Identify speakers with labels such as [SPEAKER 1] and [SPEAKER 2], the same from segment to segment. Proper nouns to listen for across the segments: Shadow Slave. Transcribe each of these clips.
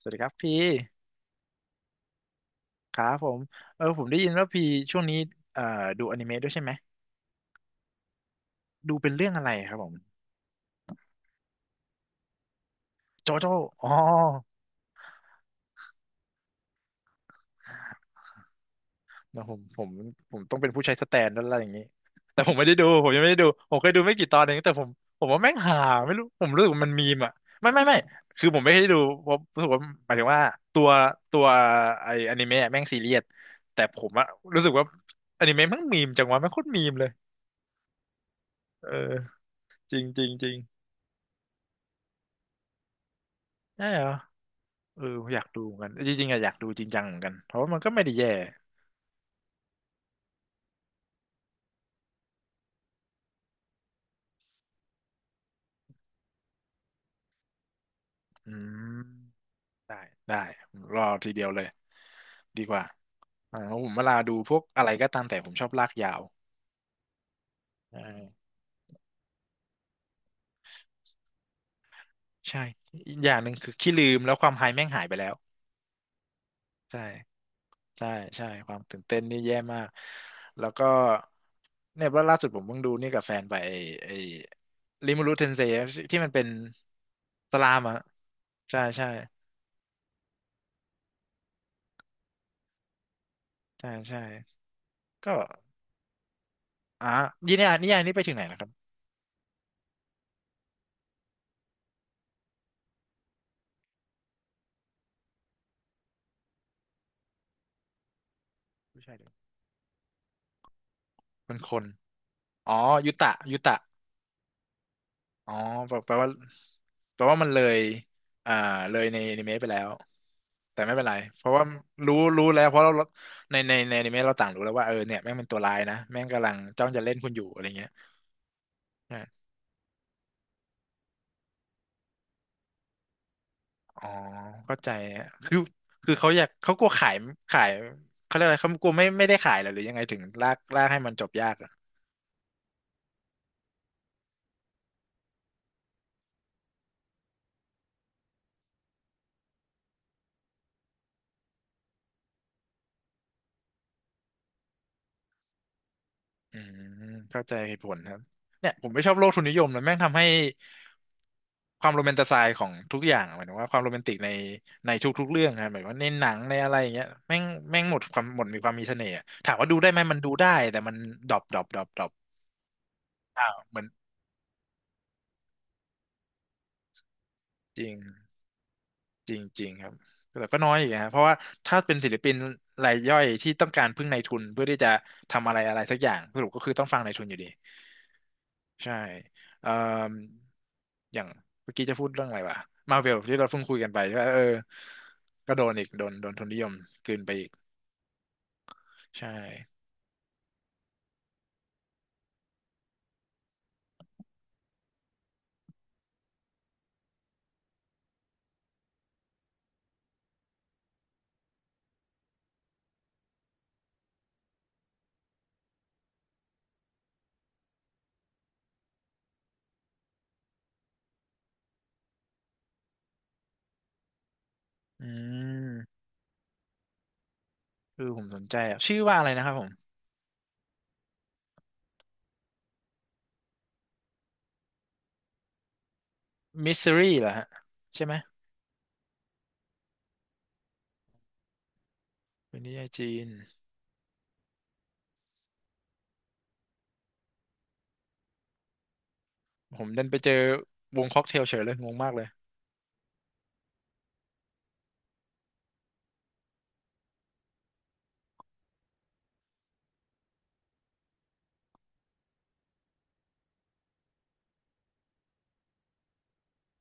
[SPEAKER 1] สวัสดีครับพี่ครับผมผมได้ยินว่าพี่ช่วงนี้เอ่อดูอนิเมะด้วยใช่ไหมดูเป็นเรื่องอะไรครับผมโจโจ้อ๋อเดี๋ยวผมต้องเป็นผู้ใช้สแตนแล้วอะไรอย่างนี้แต่ผมไม่ได้ดูผมยังไม่ได้ดู ผมเคยดูไม่กี่ตอนเองแต่ผมว่าแม่งหาไม่รู้ผมรู้สึกว่ามันมีมอ่ะไม่คือผมไม่ได้ดูเพราะรู้สึกว่าหมายถึงว่าตัวตัวไออนิเมะอะแม่งซีเรียสแต่ผมอะรู้สึกว่าอนิเมะแม่งมีมจังวะแม่งโคตรมีมเลยเออจริงจริงจริงใช่เหรอ เอออยากดูเหมือนกันจริงๆอะอยากดูจริงจังเหมือนกันเพราะว่ามันก็ไม่ได้แย่อืมได้ได้รอทีเดียวเลยดีกว่าอ่าเพราะผมเวลาดูพวกอะไรก็ตามแต่ผมชอบลากยาวอ่าใช่อีกอย่างหนึ่งคือขี้ลืมแล้วความไฮแม่งหายไปแล้วใช่ใช่ใช่ความตื่นเต้นนี่แย่มากแล้วก็เนี่ยว่าล่าสุดผมเพิ่งดูนี่กับแฟนไปไอ้ริมูรุเทนเซที่มันเป็นสลามอ่ะใช่ใช่ใช่ใช่ก็ อ่านิยายนี้ไปถึงไหนนะครับไม่้ชาเดียวคนอ๋อยุตะยุตะอ๋อแปลว่าแปลว่ามันเลยอ่าเลยในอนิเมะไปแล้วแต่ไม่เป็นไรเพราะว่ารู้แล้วเพราะเราในอนิเมะเราต่างรู้แล้วว่าเออเนี่ยแม่งเป็นตัวร้ายนะแม่งกำลังจ้องจะเล่นคุณอยู่อะไรเงี้ยออ๋อเข้าใจอะคือเขาอยากเขากลัวขายเขาเรียกอะไรเขากลัวไม่ได้ขายเหรอหรือยังไงถึงลากให้มันจบยากอะ อืมเข้าใจเหตุผลครับเนี่ยผมไม่ชอบโลกทุนนิยมนะแม่งทำให้ความโรแมนติไซด์ของทุกอย่างอะหมายถึงว่าความโรแมนติกในทุกๆเรื่องนะหมายว่าในหนังในอะไรอย่างเงี้ยแม่งแม่งหมดความหมดมีความมีเสน่ห์อะถามว่าดูได้ไหมมันดูได้แต่มันดรอปเหมือนจริงจริงจริงครับแต่ก็น้อยอีกนะเพราะว่าถ้าเป็นศิลปินรายย่อยที่ต้องการพึ่งนายทุนเพื่อที่จะทำอะไรอะไรสักอย่างสรุปก็คือต้องฟังนายทุนอยู่ดี ใช่เอ่ออย่างเมื่อกี้จะพูดเรื่องอะไรวะมาเวลที่เราเพิ่งคุยกันไปใช่ปะเออ ก็โดนอีก โดนทุนนิยมกลืนไปอีก ใช่ อืมคือผมสนใจอ่ะชื่อว่าอะไรนะครับผมมิสซิรี่เหรอฮะใช่ไหมเป็นนิยายจีน ผมเดินไปเจอวงค็อกเทลเฉยเลยงงมากเลย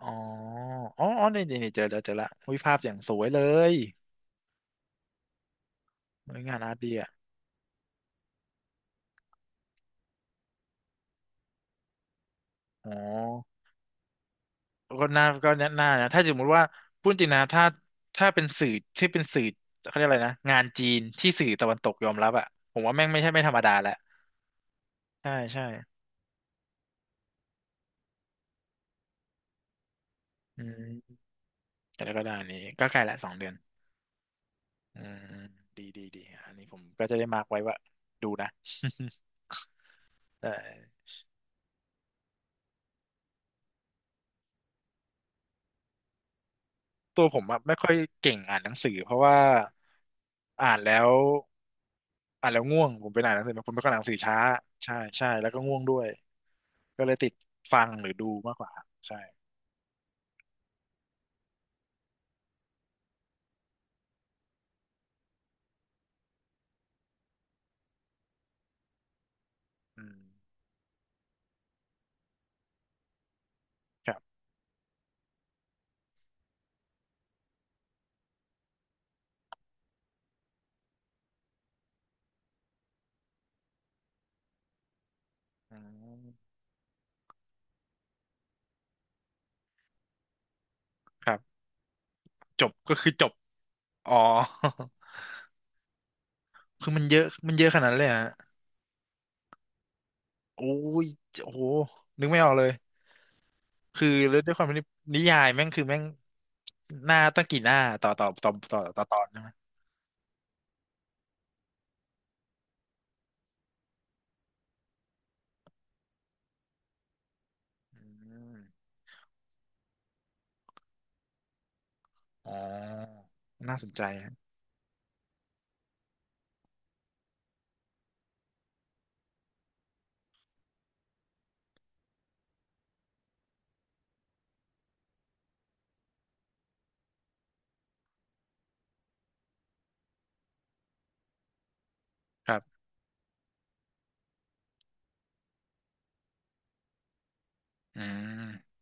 [SPEAKER 1] อ๋อ อ๋อนี่เจอแล้วเจอละวิภาพอย่างสวยเลยเฮ้ยงานอาร์ตดีอ่ะอ๋อ ก็น่านะถ้าสมมติว่าพูดจริงนะถ้าถ้าเป็นสื่อที่เป็นสื่อเขาเรียกอะไรนะงานจีนที่สื่อตะวันตกยอมรับอ่ะผมว่าแม่งไม่ใช่ไม่ธรรมดาแหละใช่อืมแต่แล้วก็ได้นี้ก็ใกล้ละสองเดือนอืมดีอันนี้ผมก็จะได้มาร์กไว้ว่าดูนะ แต่ตัวผมอะไม่ค่อยเก่งอ่านหนังสือเพราะว่าอ่านแล้วอ่านแล้วง่วงผมเป็นอ่านหนังสือผมเป็นคนอ่านหนังสือช้าใช่แล้วก็ง่วงด้วยก็เลยติดฟังหรือดูมากกว่าใช่อืม ครับอืมครับ จบ ก็คือจบอ๋อ คือมันเยอะขนาดนั้นเลยเหรอฮะโอ้ยโอ้โหนึกไม่ออกเลยคือแล้วด้วยความที่นิยายแม่งคือแม่งหน้าตั้งกี่หน้าต่อตอนใช่ไหมอืมอ๋อน่าสนใจฮะครับอืม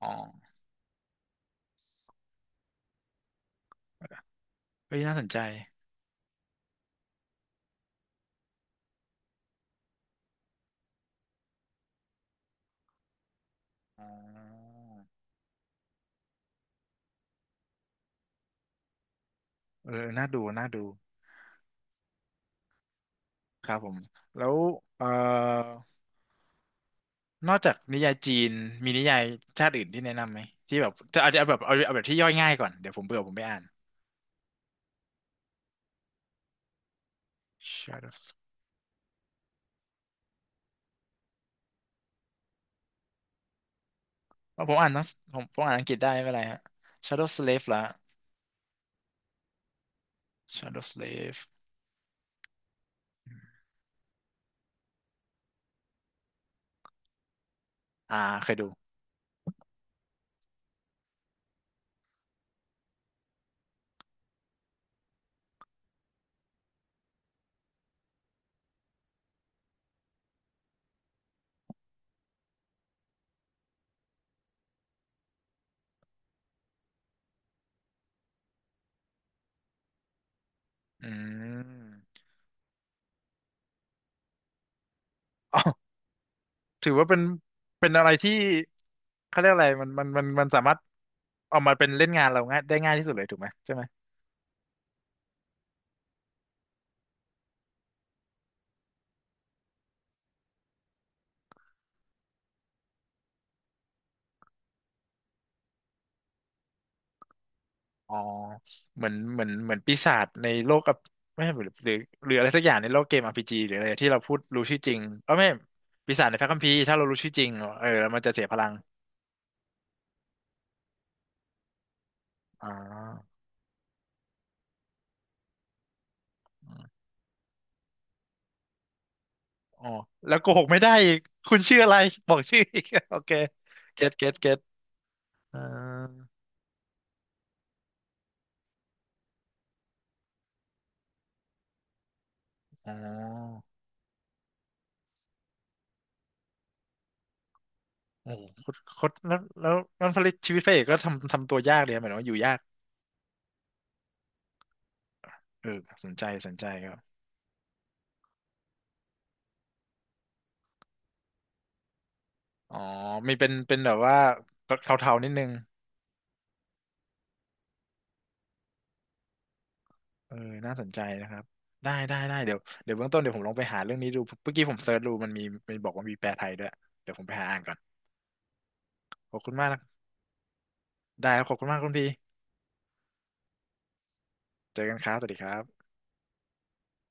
[SPEAKER 1] อ๋อเฮ้ยน่าสนใจอ๋อเออน่าดูครับผมแล้วเอ่อ นอกจากนิยายจีนมีนิยายชาติอื่นที่แนะนำไหมที่แบบจะเอาเอาแบบเอาเอาแบบที่ย่อยง่ายก่อนเดี๋ยวผมเบื่อผมไม่อ่าน Shadows เพราะผมอ่านทั้งผมอ่านอังกฤษได้ไม่เป็นไรฮะ Shadow Slave ละ Shadow Slave อ่าเคยดูอืมอ๋อถือว่าเป็นเป็นอะไรที่เขาเรียกอะไรมันสามารถเอามาเป็นเล่นงานเราง่ายได้ง่ายที่สุดเลยถูกไหมใช่ไหม อ๋อเหมือนปีศาจในโลกอับไม่ใช่หรือหรืออะไรสักอย่างในโลกเกม RPG หรืออะไรที่เราพูดรู้ชื่อจริงเออไม่ปีศาจในพระคัมภีร์ถ้าเรารู้ชื่อจริงเออมันจะเสียพลังอ๋ออ๋อแล้วโกหกไม่ได้อีกคุณชื่ออะไรบอกชื่ออีก โอเคเก็ตอ่าอ๋อโอ้โหโคตรแล้วนั่นผลิตชีวิตพระเอกก็ทำตัวยากเลยเหมือนว่าอยู่ยากเออสนใจครับอ๋อมีเป็นแบบว่าเทาๆนิดนึง เออน่าสนใจนะครับได้เดี๋ยวเบื้องต้นเดี๋ยวผมลองไปหาเรื่องนี้ดูเมื่อกี้ผมเซิร์ชดูมันมีมันบอกว่ามีแปลไทยด้วย เดี๋ยวผมไปหาอ่านก่อนขอบคุณมากนะได้ครับขอบคุณมากคุณพี่เจอกันครับ สวัสดีครับ